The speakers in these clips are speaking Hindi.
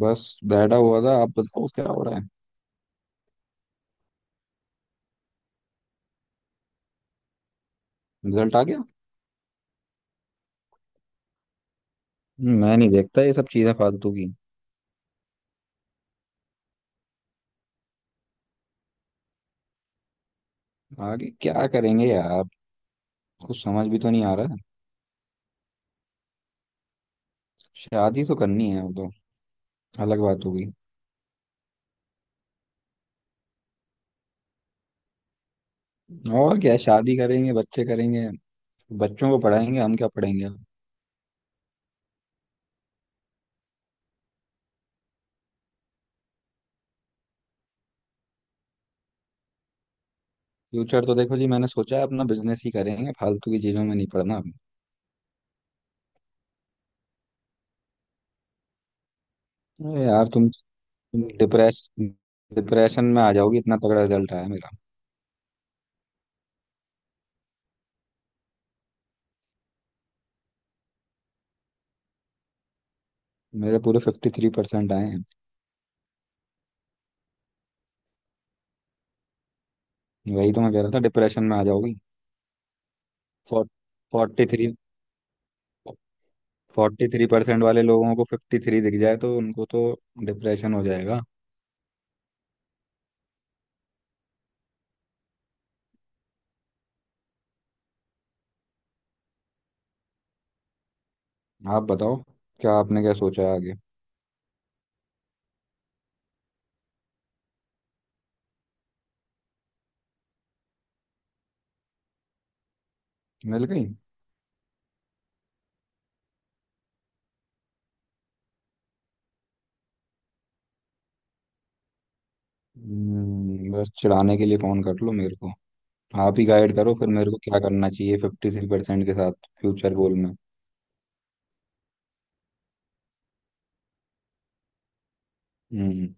बस बैठा हुआ था। आप बताओ क्या हो रहा है। रिजल्ट आ गया। मैं नहीं देखता ये सब चीजें फालतू की। आगे क्या करेंगे यार। कुछ समझ भी तो नहीं आ रहा। शादी तो करनी है वो तो अलग बात होगी। और क्या है, शादी करेंगे बच्चे करेंगे। बच्चों को पढ़ाएंगे हम क्या पढ़ेंगे। फ्यूचर तो देखो जी मैंने सोचा है अपना बिजनेस ही करेंगे फालतू की चीजों में नहीं पढ़ना। अरे यार तुम डिप्रेस डिप्रेशन में आ जाओगी इतना तगड़ा रिजल्ट आया मेरा। मेरे पूरे 53% आए हैं। वही तो मैं कह रहा था डिप्रेशन में आ जाओगी। 43। 43% वाले लोगों को 53 दिख जाए तो उनको तो डिप्रेशन हो जाएगा। आप बताओ क्या आपने क्या सोचा है आगे। मिल गई। बस चिढ़ाने के लिए फोन कर लो मेरे को। आप ही गाइड करो फिर मेरे को क्या करना चाहिए 53% के साथ फ्यूचर गोल में। हम्म।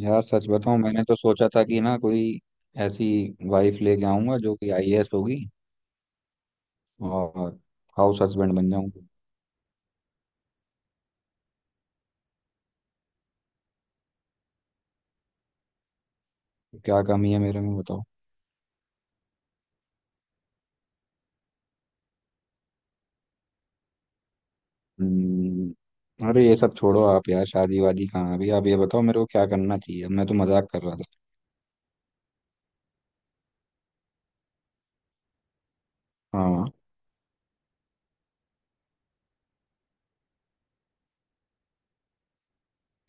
यार सच बताऊं मैंने तो सोचा था कि ना कोई ऐसी वाइफ लेके आऊंगा जो कि आईएएस होगी और हाउस हस्बैंड बन जाऊंगा। क्या कमी है मेरे में बताओ। हम्म, अरे ये सब छोड़ो आप यार शादी वादी कहाँ अभी आप ये बताओ मेरे को क्या करना चाहिए अब मैं तो मजाक कर रहा था। हाँ।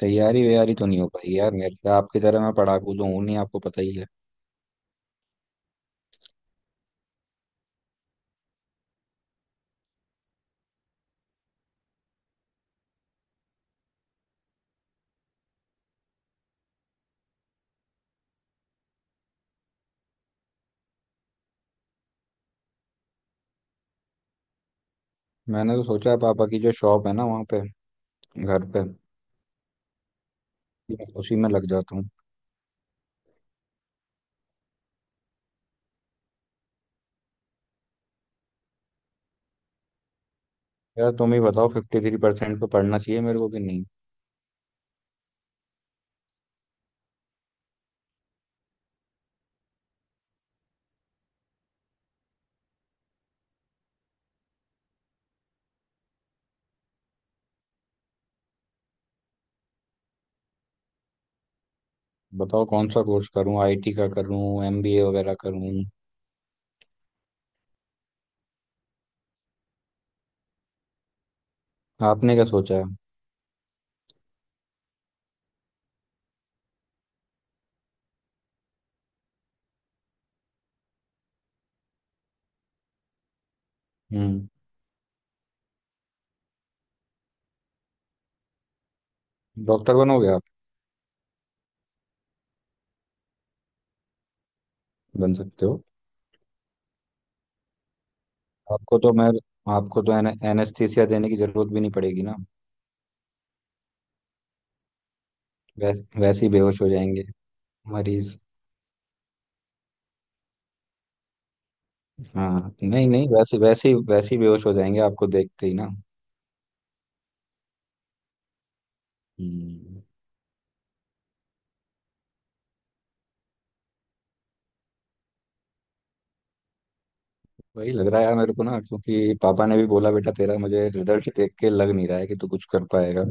तैयारी वैयारी तो नहीं हो पाई यार मेरे से आपकी तरह मैं पढ़ाकू तो हूँ नहीं आपको पता ही है। मैंने तो सोचा पापा की जो शॉप है ना वहाँ पे घर पे मैं उसी में लग जाता हूँ। यार तुम ही बताओ 53% पे पढ़ना चाहिए मेरे को कि नहीं। बताओ कौन सा कोर्स करूँ आईटी का करूँ एमबीए वगैरह करूँ। आपने क्या सोचा है। हम्म। डॉक्टर बनोगे आप। बन सकते हो। आपको तो मैं आपको तो एनेस्थीसिया देने की जरूरत भी नहीं पड़ेगी ना। वैसे ही बेहोश हो जाएंगे मरीज। हाँ नहीं नहीं वैसे वैसे ही बेहोश हो जाएंगे आपको देखते ही ना। हम्म, वही लग रहा है यार मेरे को ना क्योंकि पापा ने भी बोला बेटा तेरा मुझे रिजल्ट देख के लग नहीं रहा है कि तू कुछ कर पाएगा।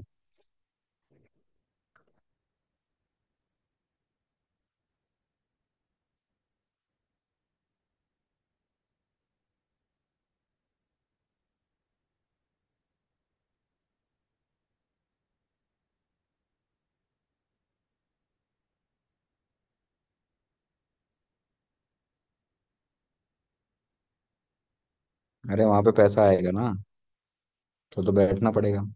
अरे वहां पे पैसा आएगा ना तो बैठना पड़ेगा।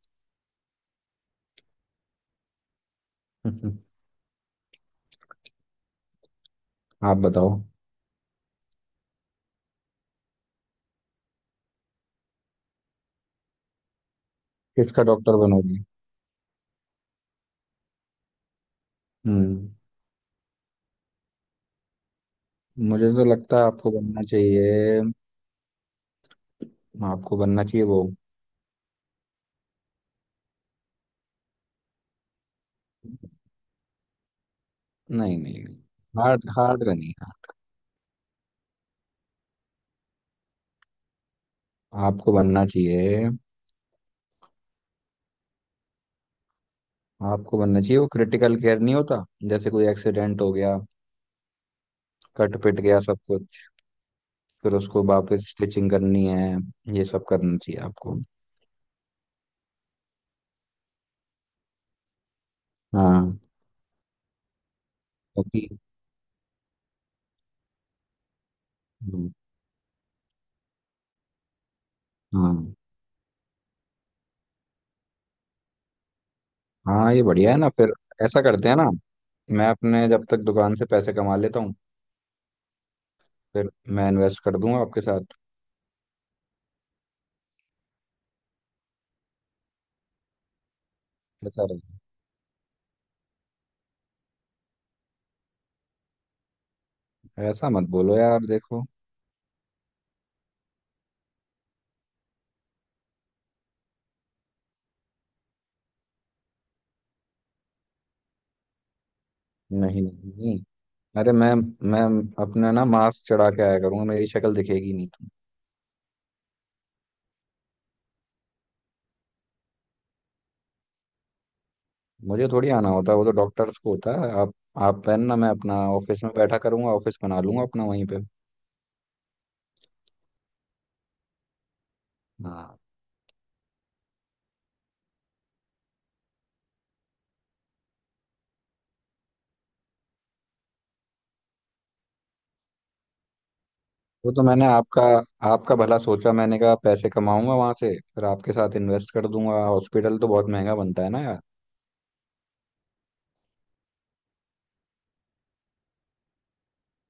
आप बताओ। किसका डॉक्टर बनोगी। हम्म। मुझे तो लगता है आपको बनना चाहिए। आपको बनना चाहिए वो। नहीं नहीं नहीं। हार्ड हार्ड का नहीं है। आपको बनना चाहिए। आपको बनना चाहिए वो क्रिटिकल केयर नहीं होता जैसे कोई एक्सीडेंट हो गया कट पिट गया सब कुछ। फिर उसको वापस स्टिचिंग करनी है। ये सब करना चाहिए आपको। हाँ। क्योंकि हम्म, हाँ हाँ। ये बढ़िया है ना फिर ऐसा करते हैं ना। मैं अपने जब तक दुकान से पैसे कमा लेता हूँ फिर मैं इन्वेस्ट कर दूंगा आपके साथ। कैसा रहेगा। ऐसा मत बोलो यार देखो। नहीं नहीं अरे मैं अपना ना मास्क चढ़ा के आया करूंगा मेरी शक्ल दिखेगी नहीं तुम्हें। मुझे थोड़ी आना होता है वो तो डॉक्टर्स को होता है। आप पहनना मैं अपना ऑफिस में बैठा करूंगा ऑफिस बना लूंगा अपना वहीं पे। हाँ वो तो मैंने आपका आपका भला सोचा मैंने कहा पैसे कमाऊंगा वहां से फिर आपके साथ इन्वेस्ट कर दूंगा हॉस्पिटल तो बहुत महंगा बनता है ना यार।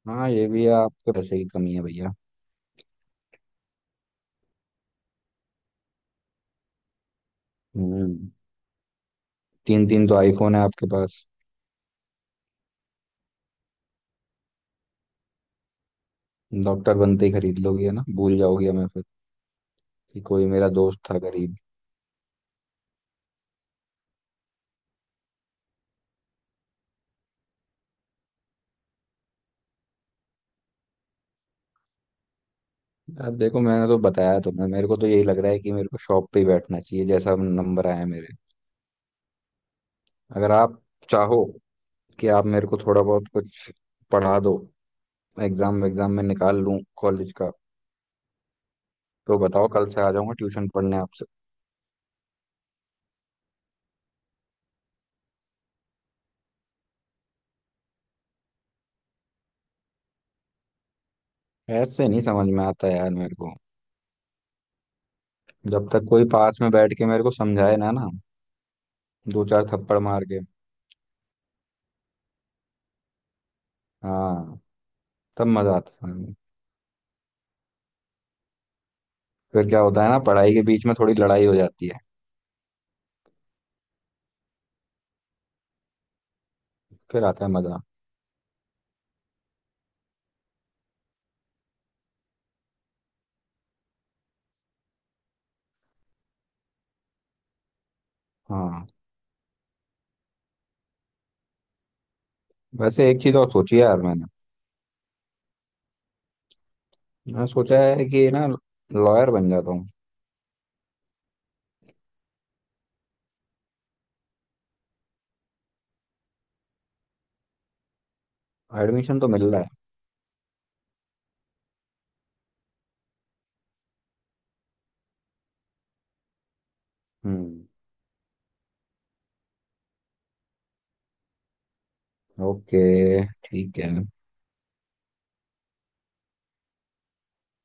हाँ ये भी है आपके पैसे की कमी है भैया। हम्म। तीन तीन तो आईफोन है आपके पास। डॉक्टर बनते ही खरीद लोगे ना भूल जाओगे हमें फिर कि कोई मेरा दोस्त था गरीब। अब देखो मैंने तो बताया तुम्हें मेरे को तो यही लग रहा है कि मेरे को शॉप पे ही बैठना चाहिए जैसा नंबर आया मेरे। अगर आप चाहो कि आप मेरे को थोड़ा बहुत कुछ पढ़ा दो एग्जाम एग्जाम में निकाल लूं कॉलेज का तो बताओ कल से आ जाऊंगा ट्यूशन पढ़ने आपसे। ऐसे नहीं समझ में आता यार मेरे को। जब तक कोई पास में बैठ के मेरे को समझाए ना ना दो चार थप्पड़ मार के हाँ तब मजा आता है। फिर क्या होता है ना पढ़ाई के बीच में थोड़ी लड़ाई हो जाती है फिर आता है मजा। हाँ। वैसे एक चीज और सोची है यार मैंने। मैं सोचा है कि ना लॉयर बन जाता हूँ। एडमिशन तो मिल रहा है। हम्म। ओके। ठीक है।